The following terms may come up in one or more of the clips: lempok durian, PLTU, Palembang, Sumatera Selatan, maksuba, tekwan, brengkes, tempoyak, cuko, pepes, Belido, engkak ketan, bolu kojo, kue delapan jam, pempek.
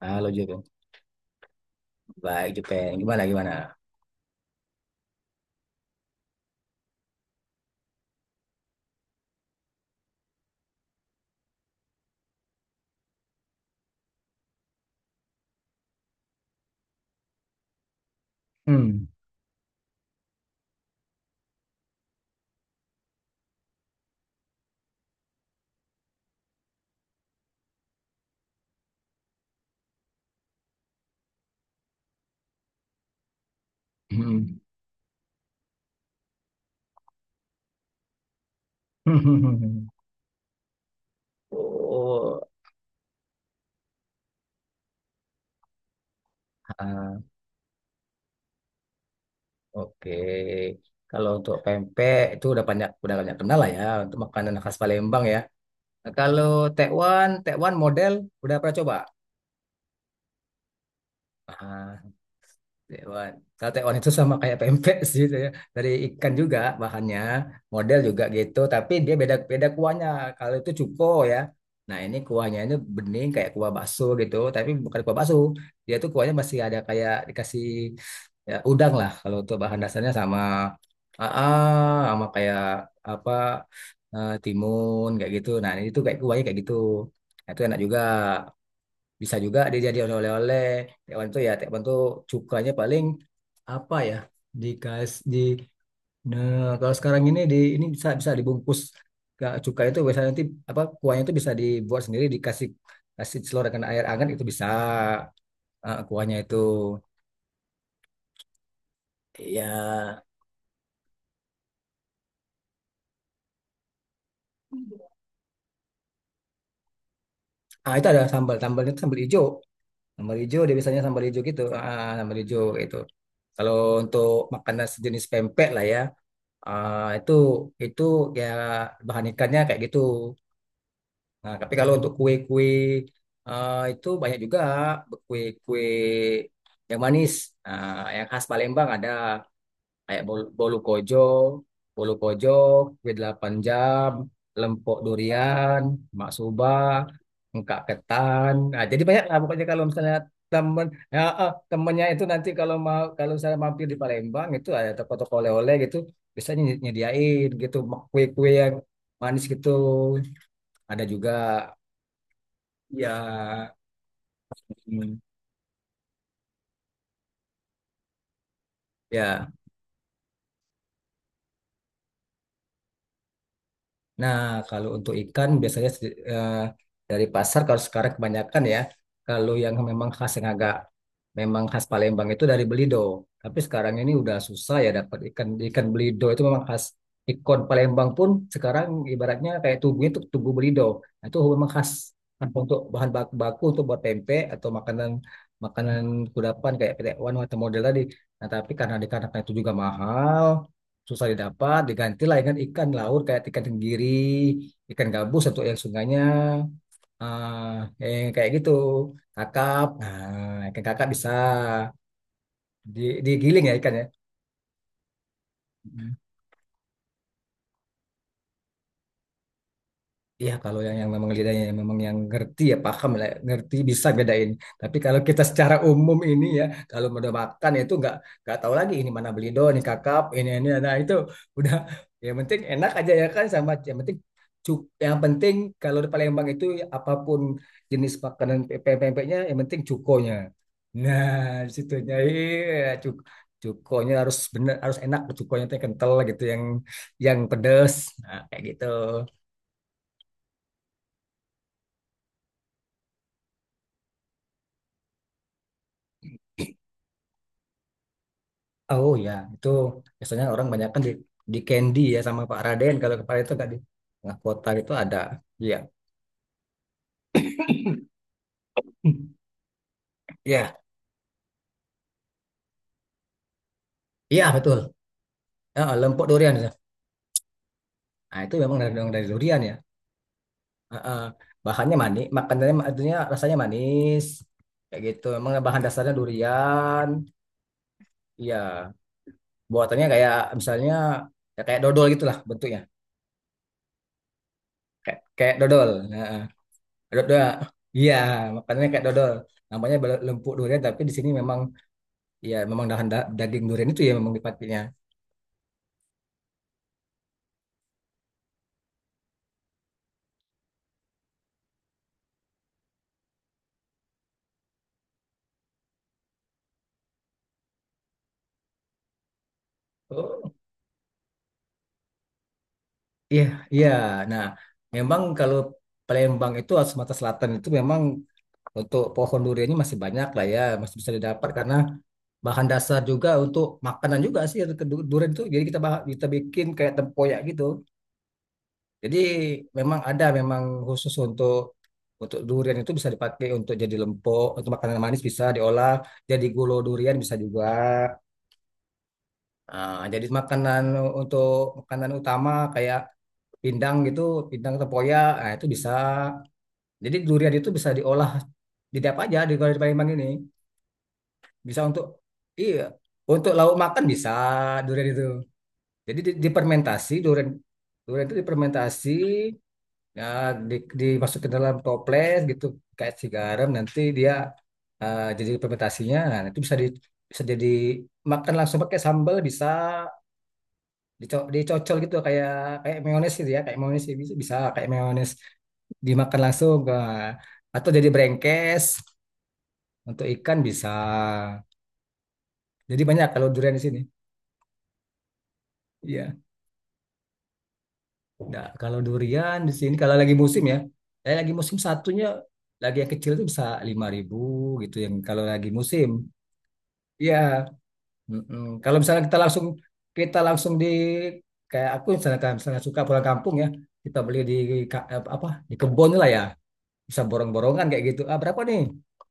Halo Jepang. Baik Jepang. Gimana gimana? Hmm. Hmm. Oh, ah, oke. Kalau untuk pempek itu udah banyak kenal lah ya untuk makanan khas Palembang ya. Nah, kalau tekwan model udah pernah coba? Ah, Tewan. Kalau tewan itu sama kayak pempek sih saya. Dari ikan juga bahannya, model juga gitu, tapi dia beda beda kuahnya. Kalau itu cuko ya. Nah, ini kuahnya ini bening kayak kuah bakso gitu, tapi bukan kuah bakso. Dia tuh kuahnya masih ada kayak dikasih ya, udang lah kalau untuk bahan dasarnya sama sama kayak apa timun kayak gitu. Nah, ini tuh kayak kuahnya kayak gitu. Nah, itu enak juga. Bisa juga dijadiin oleh-oleh. Tekwan tuh cukanya paling apa ya? Dikas di nah, kalau sekarang ini di ini bisa bisa dibungkus. Cuka itu biasanya nanti apa kuahnya itu bisa dibuat sendiri kasih selorkan air hangat itu bisa kuahnya itu. Ya, itu ada sambalnya itu sambal hijau. Sambal hijau dia biasanya sambal hijau gitu. Sambal hijau itu. Kalau untuk makanan sejenis pempek lah ya. Ah, itu itu ya bahan ikannya kayak gitu. Nah, tapi kalau untuk kue-kue itu banyak juga kue-kue yang manis. Yang khas Palembang ada kayak bolu kojo, kue delapan jam, lempok durian, maksuba, engkak ketan. Nah, jadi banyak lah pokoknya kalau misalnya temen temennya itu nanti kalau saya mampir di Palembang itu ada toko-toko oleh-oleh gitu biasanya nyediain gitu kue-kue yang manis gitu ada juga ya hmm, ya. Nah, kalau untuk ikan biasanya dari pasar kalau sekarang kebanyakan ya, kalau yang memang khas yang agak memang khas Palembang itu dari Belido. Tapi sekarang ini udah susah ya dapat ikan ikan Belido itu memang khas ikon Palembang pun sekarang ibaratnya kayak tubuhnya itu tubuh Belido. Nah, itu memang khas untuk bahan baku untuk buat tempe atau makanan makanan kudapan kayak pete wan atau model tadi. Nah, tapi dikarenakan itu juga mahal, susah didapat digantilah dengan ikan laut kayak ikan tenggiri, ikan gabus atau yang sungainya ah yang kayak gitu, kakap. Nah, ikan kakap bisa digiling ya ikannya. Iya, kalau yang memang lidahnya yang memang yang ngerti ya paham lah, ya, ngerti bisa bedain. Tapi kalau kita secara umum ini ya, kalau udah makan itu nggak tahu lagi ini mana belido, ini kakap, ini, nah itu udah, yang penting enak aja ya kan, sama yang penting yang penting kalau di Palembang itu apapun jenis makanan pempeknya yang penting cukonya. Nah, di situnya iya, cuk cukonya harus bener, harus enak cukonya tuh yang kental gitu, yang pedes. Nah, kayak gitu. Oh ya, itu biasanya orang banyak kan di Candy ya sama Pak Raden kalau kepala itu nggak di tengah kota itu ada. Iya. Hmm. Iya, iya betul. Ya, lempok durian, ya. Nah, itu memang dari durian ya. Ah, ah. Bahannya manis, makanannya maksudnya rasanya manis. Kayak gitu. Memang bahan dasarnya durian. Iya, buatannya kayak misalnya ya kayak dodol gitulah bentuknya. Kayak kayak dodol. Nah, dodol. Iya, makanannya kayak dodol. Namanya lempuk durian tapi di sini memang, iya, memang daging durian itu ya memang dipakainya. Oh, iya, iya. Nah, memang kalau Palembang itu atau Sumatera Selatan itu memang untuk pohon duriannya masih banyak lah ya, masih bisa didapat karena bahan dasar juga untuk makanan juga sih untuk durian itu. Jadi kita kita bikin kayak tempoyak gitu. Jadi memang ada memang khusus untuk durian itu bisa dipakai untuk jadi lempok, untuk makanan manis bisa diolah, jadi gulo durian bisa juga. Jadi untuk makanan utama kayak pindang gitu, pindang tempoyak, nah itu bisa. Jadi durian itu bisa diolah jadi apa aja kalau di Palembang ini. Bisa untuk, iya, untuk lauk makan bisa durian itu. Jadi dipermentasi durian durian itu dipermentasi ya, di, dimasukin dalam toples gitu kayak si garam nanti dia, jadi fermentasinya nah itu bisa jadi makan langsung pakai sambal, bisa dicocol gitu kayak kayak mayones gitu, ya kayak mayones ya, bisa kayak mayones, dimakan langsung, atau jadi brengkes untuk ikan bisa. Jadi banyak kalau durian di sini. Iya, nah, kalau durian di sini kalau lagi musim ya, saya lagi musim satunya, lagi yang kecil itu bisa 5.000 gitu yang kalau lagi musim. Iya, mm-mm. Kalau misalnya kita langsung di kayak aku misalnya misalnya suka pulang kampung ya, kita beli di ka- apa di kebun lah ya, bisa borong-borongan kayak gitu, berapa nih,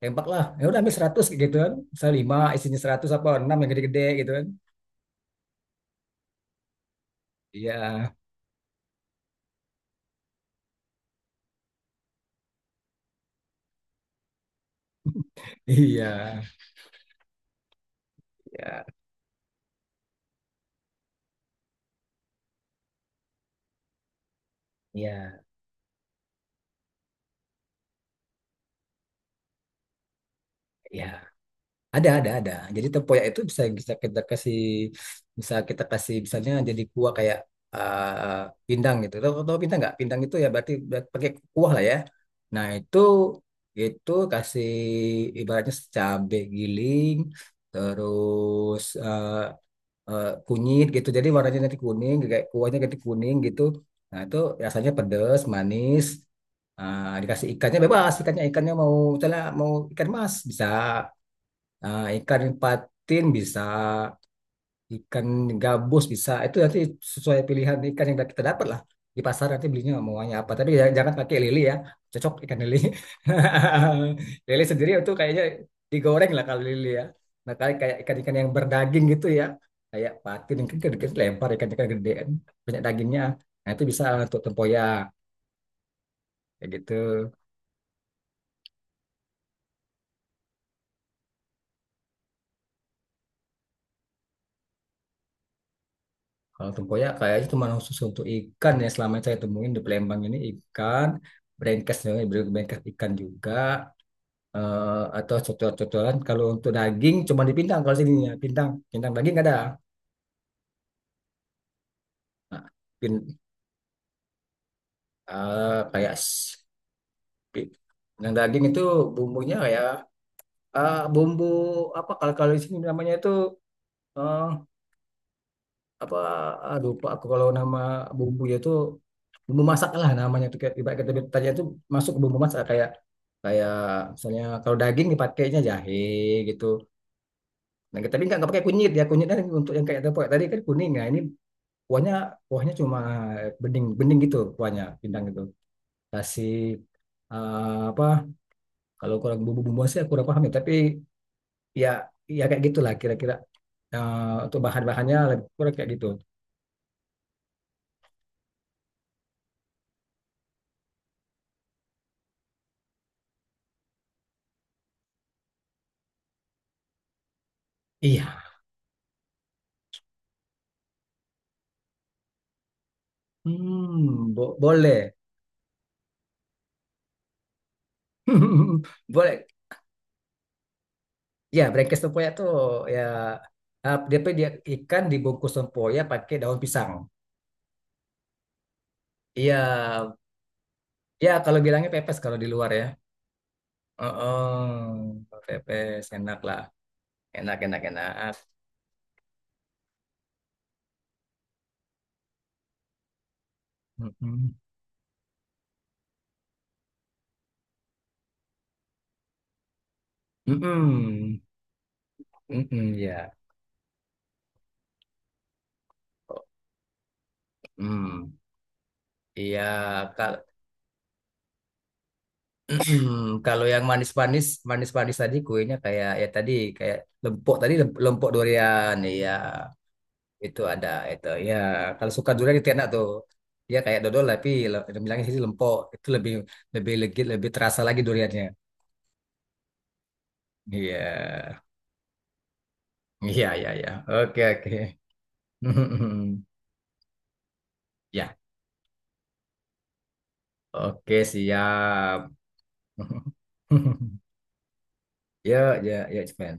tembak lah ya udah ambil 100 kayak gitu kan, saya lima isinya 100 apa enam yang gede-gede gitu kan. Iya. Iya, iya, iya, iya, ada, jadi tempoyak itu bisa bisa kita kasih, bisa kita kasih misalnya jadi kuah kayak, pindang gitu. Tahu tahu pindang nggak? Pindang itu ya berarti pakai kuah lah ya, nah itu kasih ibaratnya cabai giling terus, kunyit gitu. Jadi warnanya nanti kuning, kayak kuahnya ganti kuning gitu. Nah itu rasanya pedas, manis. Dikasih ikannya bebas, ikannya ikannya mau misalnya mau ikan mas bisa, ikan patin bisa, ikan gabus bisa itu nanti sesuai pilihan ikan yang kita dapat lah di pasar, nanti belinya mauannya apa, tapi jangan jangan pakai lele ya, cocok ikan lele. Lele sendiri itu kayaknya digoreng lah kalau lele ya. Nah kayak kayak ikan-ikan yang berdaging gitu ya, kayak patin yang gede gede, lempar ikan-ikan gede kan, banyak dagingnya, nah itu bisa untuk tempoyak kayak gitu. Kalau tempoyak kayaknya cuma khusus untuk ikan ya, selama yang saya temuin di Palembang ini ikan brengkes brengkes ikan juga, atau cocor-cocoran. Kalau untuk daging cuma di Pintang kalau sini ya, Pintang Pintang daging ada. Nah, pin, eh, kayak s- pi- Pintang daging itu bumbunya kayak, bumbu apa kalau kalau di sini namanya itu, eh, apa, lupa aku kalau nama bumbunya itu, bumbu masak lah namanya tuh, kayak ibarat kita tanya itu masuk ke bumbu masak kayak kayak misalnya kalau daging dipakainya jahe gitu, nah kita tapi nggak pakai kunyit ya, kunyitnya untuk yang kayak tepung tadi kan kuning, nah ini kuahnya kuahnya cuma bening bening gitu kuahnya pindang gitu, kasih, apa, kalau kurang bumbu-bumbu sih aku kurang paham ya, tapi ya ya kayak gitulah kira-kira. Untuk bahan-bahannya lebih kurang kayak gitu. Iya, hmm, boleh. Boleh, ya brengkes tempoyak tuh ya, dia dia ikan dibungkus tempoyak pakai daun pisang. Iya, ya kalau bilangnya pepes kalau di luar ya. Oh, pepes enak lah, enak enak enak. Mm-mm. Mm-mm. Mm-mm, ya. Mm. Iya, kal- kalau yang manis-manis tadi kuenya kayak ya tadi kayak lempok tadi, lempok durian, iya, itu ada itu. Ya, kalau suka durian itu enak tuh. Ya kayak dodol tapi bilangnya sih lempok itu lebih lebih legit, lebih terasa lagi duriannya. Iya, iya, iya, iya. Oke, oke. Ya, oke siap. Ya, ya, ya,